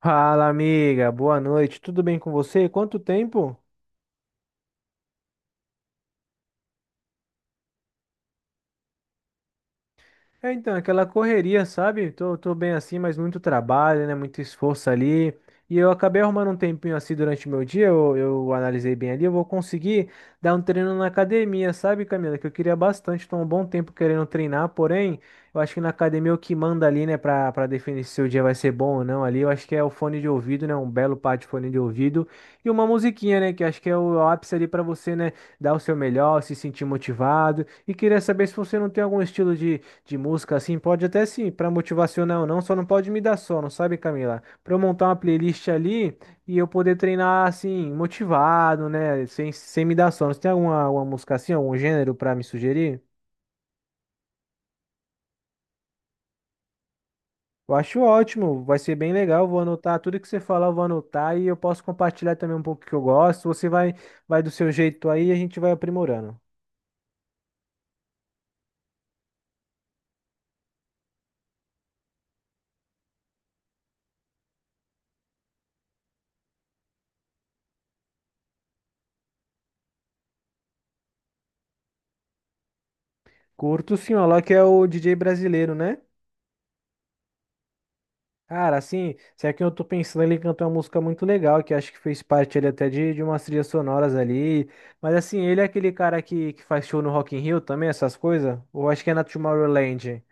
Fala, amiga. Boa noite. Tudo bem com você? Quanto tempo? É, então, aquela correria, sabe? Tô bem assim, mas muito trabalho, né? Muito esforço ali. E eu acabei arrumando um tempinho assim durante o meu dia, eu analisei bem ali, eu vou conseguir dar um treino na academia, sabe, Camila? Que eu queria bastante, tô há um bom tempo querendo treinar, porém, eu acho que na academia o que manda ali, né, pra definir se o dia vai ser bom ou não ali, eu acho que é o fone de ouvido, né? Um belo par de fone de ouvido e uma musiquinha, né? Que acho que é o ápice ali pra você, né, dar o seu melhor, se sentir motivado. E queria saber se você não tem algum estilo de música, assim, pode até sim, para motivacional não, só não pode me dar sono, sabe, Camila? Para eu montar uma playlist ali e eu poder treinar, assim, motivado, né? Sem me dar sono. Você tem alguma, alguma música assim, algum gênero para me sugerir? Eu acho ótimo, vai ser bem legal. Vou anotar tudo que você falar, eu vou anotar e eu posso compartilhar também um pouco que eu gosto. Você vai do seu jeito aí e a gente vai aprimorando. Curto sim, o Alok é o DJ brasileiro, né? Cara, assim, se é que eu tô pensando, ele cantou uma música muito legal, que acho que fez parte ali até de umas trilhas sonoras ali. Mas assim, ele é aquele cara que faz show no Rock in Rio também, essas coisas? Ou acho que é na Tomorrowland?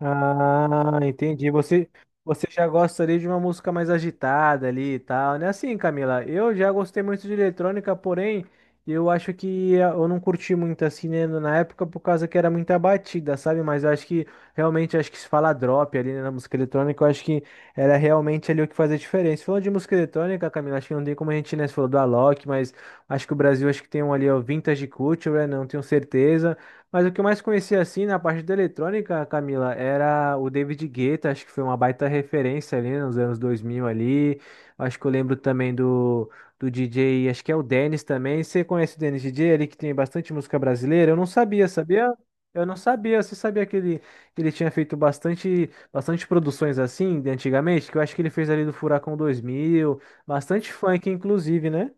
Ah, entendi. Você já gosta ali de uma música mais agitada ali e tal, né? Assim, Camila, eu já gostei muito de eletrônica, porém, eu acho que eu não curti muito assim, né, na época por causa que era muita batida, sabe? Mas eu acho que realmente acho que se fala drop ali, né, na música eletrônica, eu acho que era realmente ali o que fazia diferença. Falando de música eletrônica, Camila, acho que não tem como a gente, né, você falou do Alok, mas acho que o Brasil acho que tem um ali, ó, Vintage Culture, né? Não tenho certeza. Mas o que eu mais conhecia assim na parte da eletrônica, Camila, era o David Guetta, acho que foi uma baita referência ali nos anos 2000 ali. Acho que eu lembro também do DJ, acho que é o Dennis também. Você conhece o Dennis DJ, ali que tem bastante música brasileira? Eu não sabia, sabia? Eu não sabia. Você sabia que ele tinha feito bastante, bastante produções assim de antigamente? Que eu acho que ele fez ali do Furacão 2000, bastante funk inclusive, né?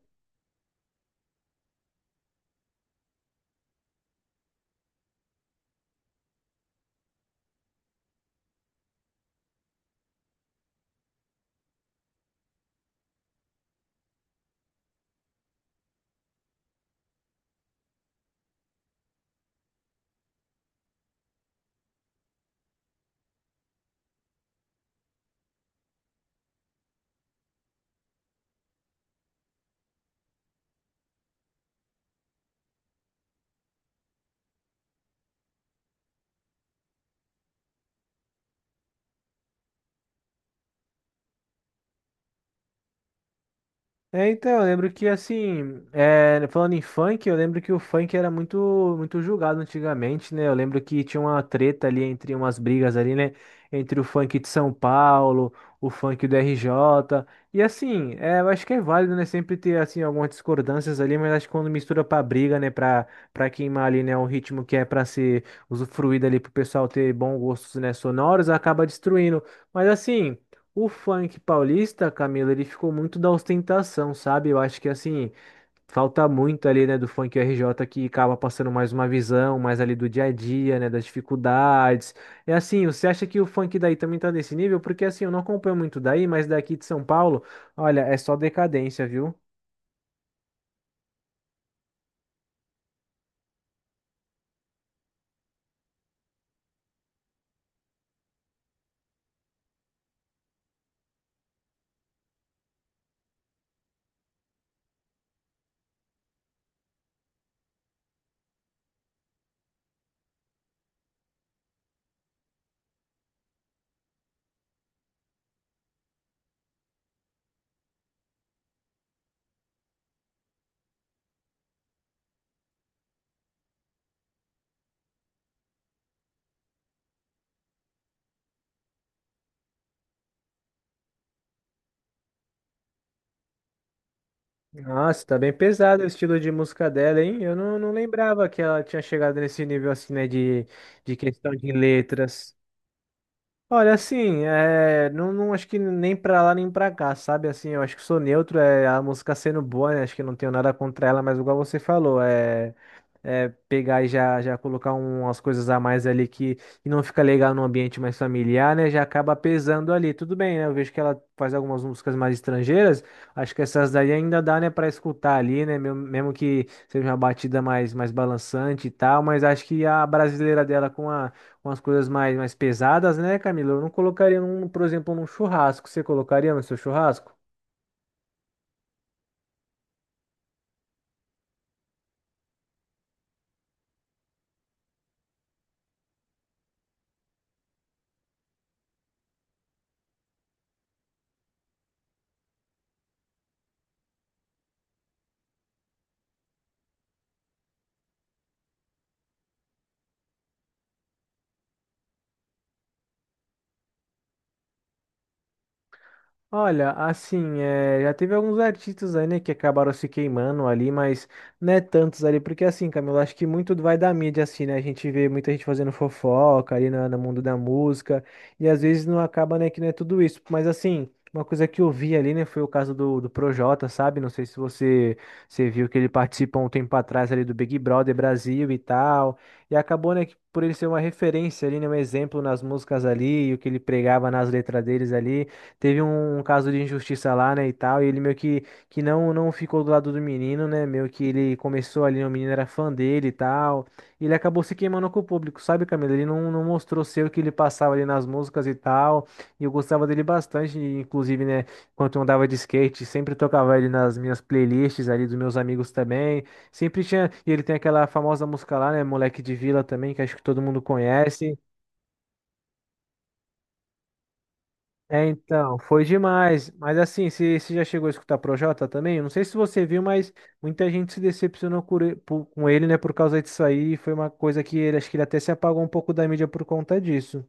É, então, eu lembro que assim, é, falando em funk, eu lembro que o funk era muito julgado antigamente, né? Eu lembro que tinha uma treta ali entre umas brigas ali, né? Entre o funk de São Paulo, o funk do RJ. E assim, é, eu acho que é válido, né? Sempre ter assim algumas discordâncias ali, mas acho que quando mistura pra briga, né? Pra queimar ali, né? Um ritmo que é pra ser usufruído ali pro pessoal ter bons gostos, né? Sonoros, acaba destruindo. Mas assim. O funk paulista, Camila, ele ficou muito da ostentação, sabe? Eu acho que assim, falta muito ali, né, do funk RJ que acaba passando mais uma visão, mais ali do dia a dia, né, das dificuldades. É assim, você acha que o funk daí também tá nesse nível? Porque assim, eu não acompanho muito daí, mas daqui de São Paulo, olha, é só decadência, viu? Nossa, tá bem pesado o estilo de música dela, hein? Eu não, não lembrava que ela tinha chegado nesse nível assim, né, de questão de letras. Olha, assim, é, não, não acho que nem pra lá nem pra cá, sabe? Assim, eu acho que sou neutro, é a música sendo boa, né? Acho que não tenho nada contra ela, mas igual você falou, pegar e já colocar um, umas coisas a mais ali que e não fica legal num ambiente mais familiar, né? Já acaba pesando ali. Tudo bem, né? Eu vejo que ela faz algumas músicas mais estrangeiras. Acho que essas daí ainda dá, né, para escutar ali, né? Mesmo que seja uma batida mais, mais balançante e tal, mas acho que a brasileira dela com a, com as coisas mais, mais pesadas, né, Camila? Eu não colocaria, num, por exemplo, num churrasco. Você colocaria no seu churrasco? Olha, assim, é, já teve alguns artistas aí, né, que acabaram se queimando ali, mas não é tantos ali, porque assim, Camilo, acho que muito vai da mídia, assim, né, a gente vê muita gente fazendo fofoca ali no mundo da música, e às vezes não acaba, né, que não é tudo isso, mas assim, uma coisa que eu vi ali, né, foi o caso do Projota, sabe, não sei se você, você viu que ele participou um tempo atrás ali do Big Brother Brasil e tal, e acabou, né, que por ele ser uma referência ali, né, um exemplo nas músicas ali, e o que ele pregava nas letras deles ali, teve um, um caso de injustiça lá, né, e tal, e ele meio que não, não ficou do lado do menino, né, meio que ele começou ali, né, o menino era fã dele e tal, e ele acabou se queimando com o público, sabe, Camila? Ele não, não mostrou ser o que ele passava ali nas músicas e tal, e eu gostava dele bastante, e inclusive, né, quando eu andava de skate, sempre tocava ele nas minhas playlists ali dos meus amigos também, sempre tinha, e ele tem aquela famosa música lá, né, Moleque de Vila também, que acho que todo mundo conhece. É, então, foi demais. Mas assim, você já chegou a escutar Projota também? Eu não sei se você viu, mas muita gente se decepcionou com ele, com ele, né, por causa disso aí. Foi uma coisa que ele, acho que ele até se apagou um pouco da mídia por conta disso.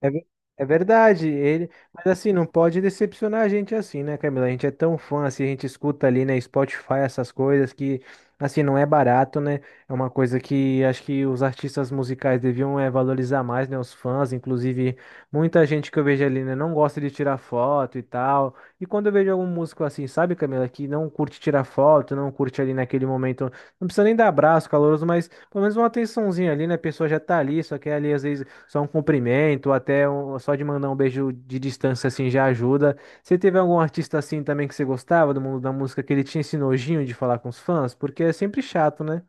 É, é verdade, ele, mas assim, não pode decepcionar a gente assim, né, Camila? A gente é tão fã, assim, a gente escuta ali, né, Spotify, essas coisas que, assim, não é barato, né? É uma coisa que acho que os artistas musicais deviam é, valorizar mais, né, os fãs, inclusive muita gente que eu vejo ali, né, não gosta de tirar foto e tal. E quando eu vejo algum músico assim, sabe, Camila, que não curte tirar foto, não curte ali naquele momento, não precisa nem dar abraço caloroso, mas pelo menos uma atençãozinha ali, né? A pessoa já tá ali, só quer ali às vezes só um cumprimento, ou até só de mandar um beijo de distância assim já ajuda. Você teve algum artista assim também que você gostava do mundo da música que ele tinha esse nojinho de falar com os fãs? Porque é sempre chato, né?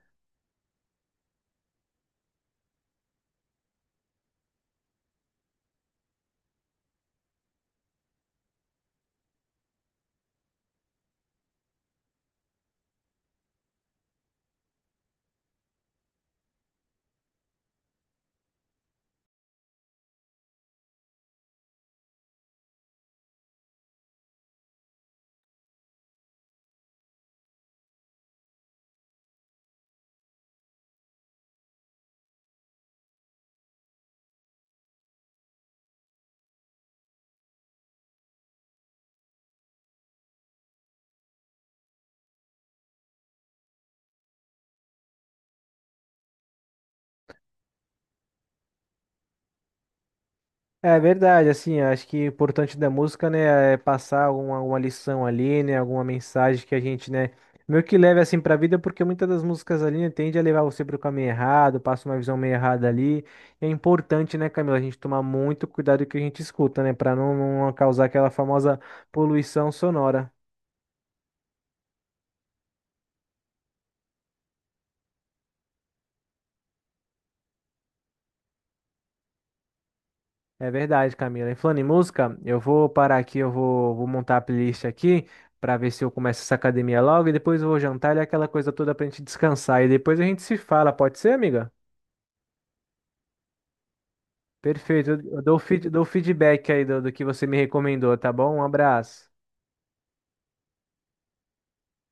É verdade, assim, acho que o importante da música, né, é passar alguma, alguma lição ali, né, alguma mensagem que a gente, né, meio que leve assim pra vida, porque muitas das músicas ali, né, tende a levar você pro caminho errado, passa uma visão meio errada ali. E é importante, né, Camila, a gente tomar muito cuidado com o que a gente escuta, né, pra não, não causar aquela famosa poluição sonora. É verdade, Camila. E falando em música, eu vou parar aqui, vou montar a playlist aqui para ver se eu começo essa academia logo e depois eu vou jantar e aquela coisa toda pra gente descansar. E depois a gente se fala, pode ser, amiga? Perfeito. Eu dou feedback aí do que você me recomendou, tá bom? Um abraço.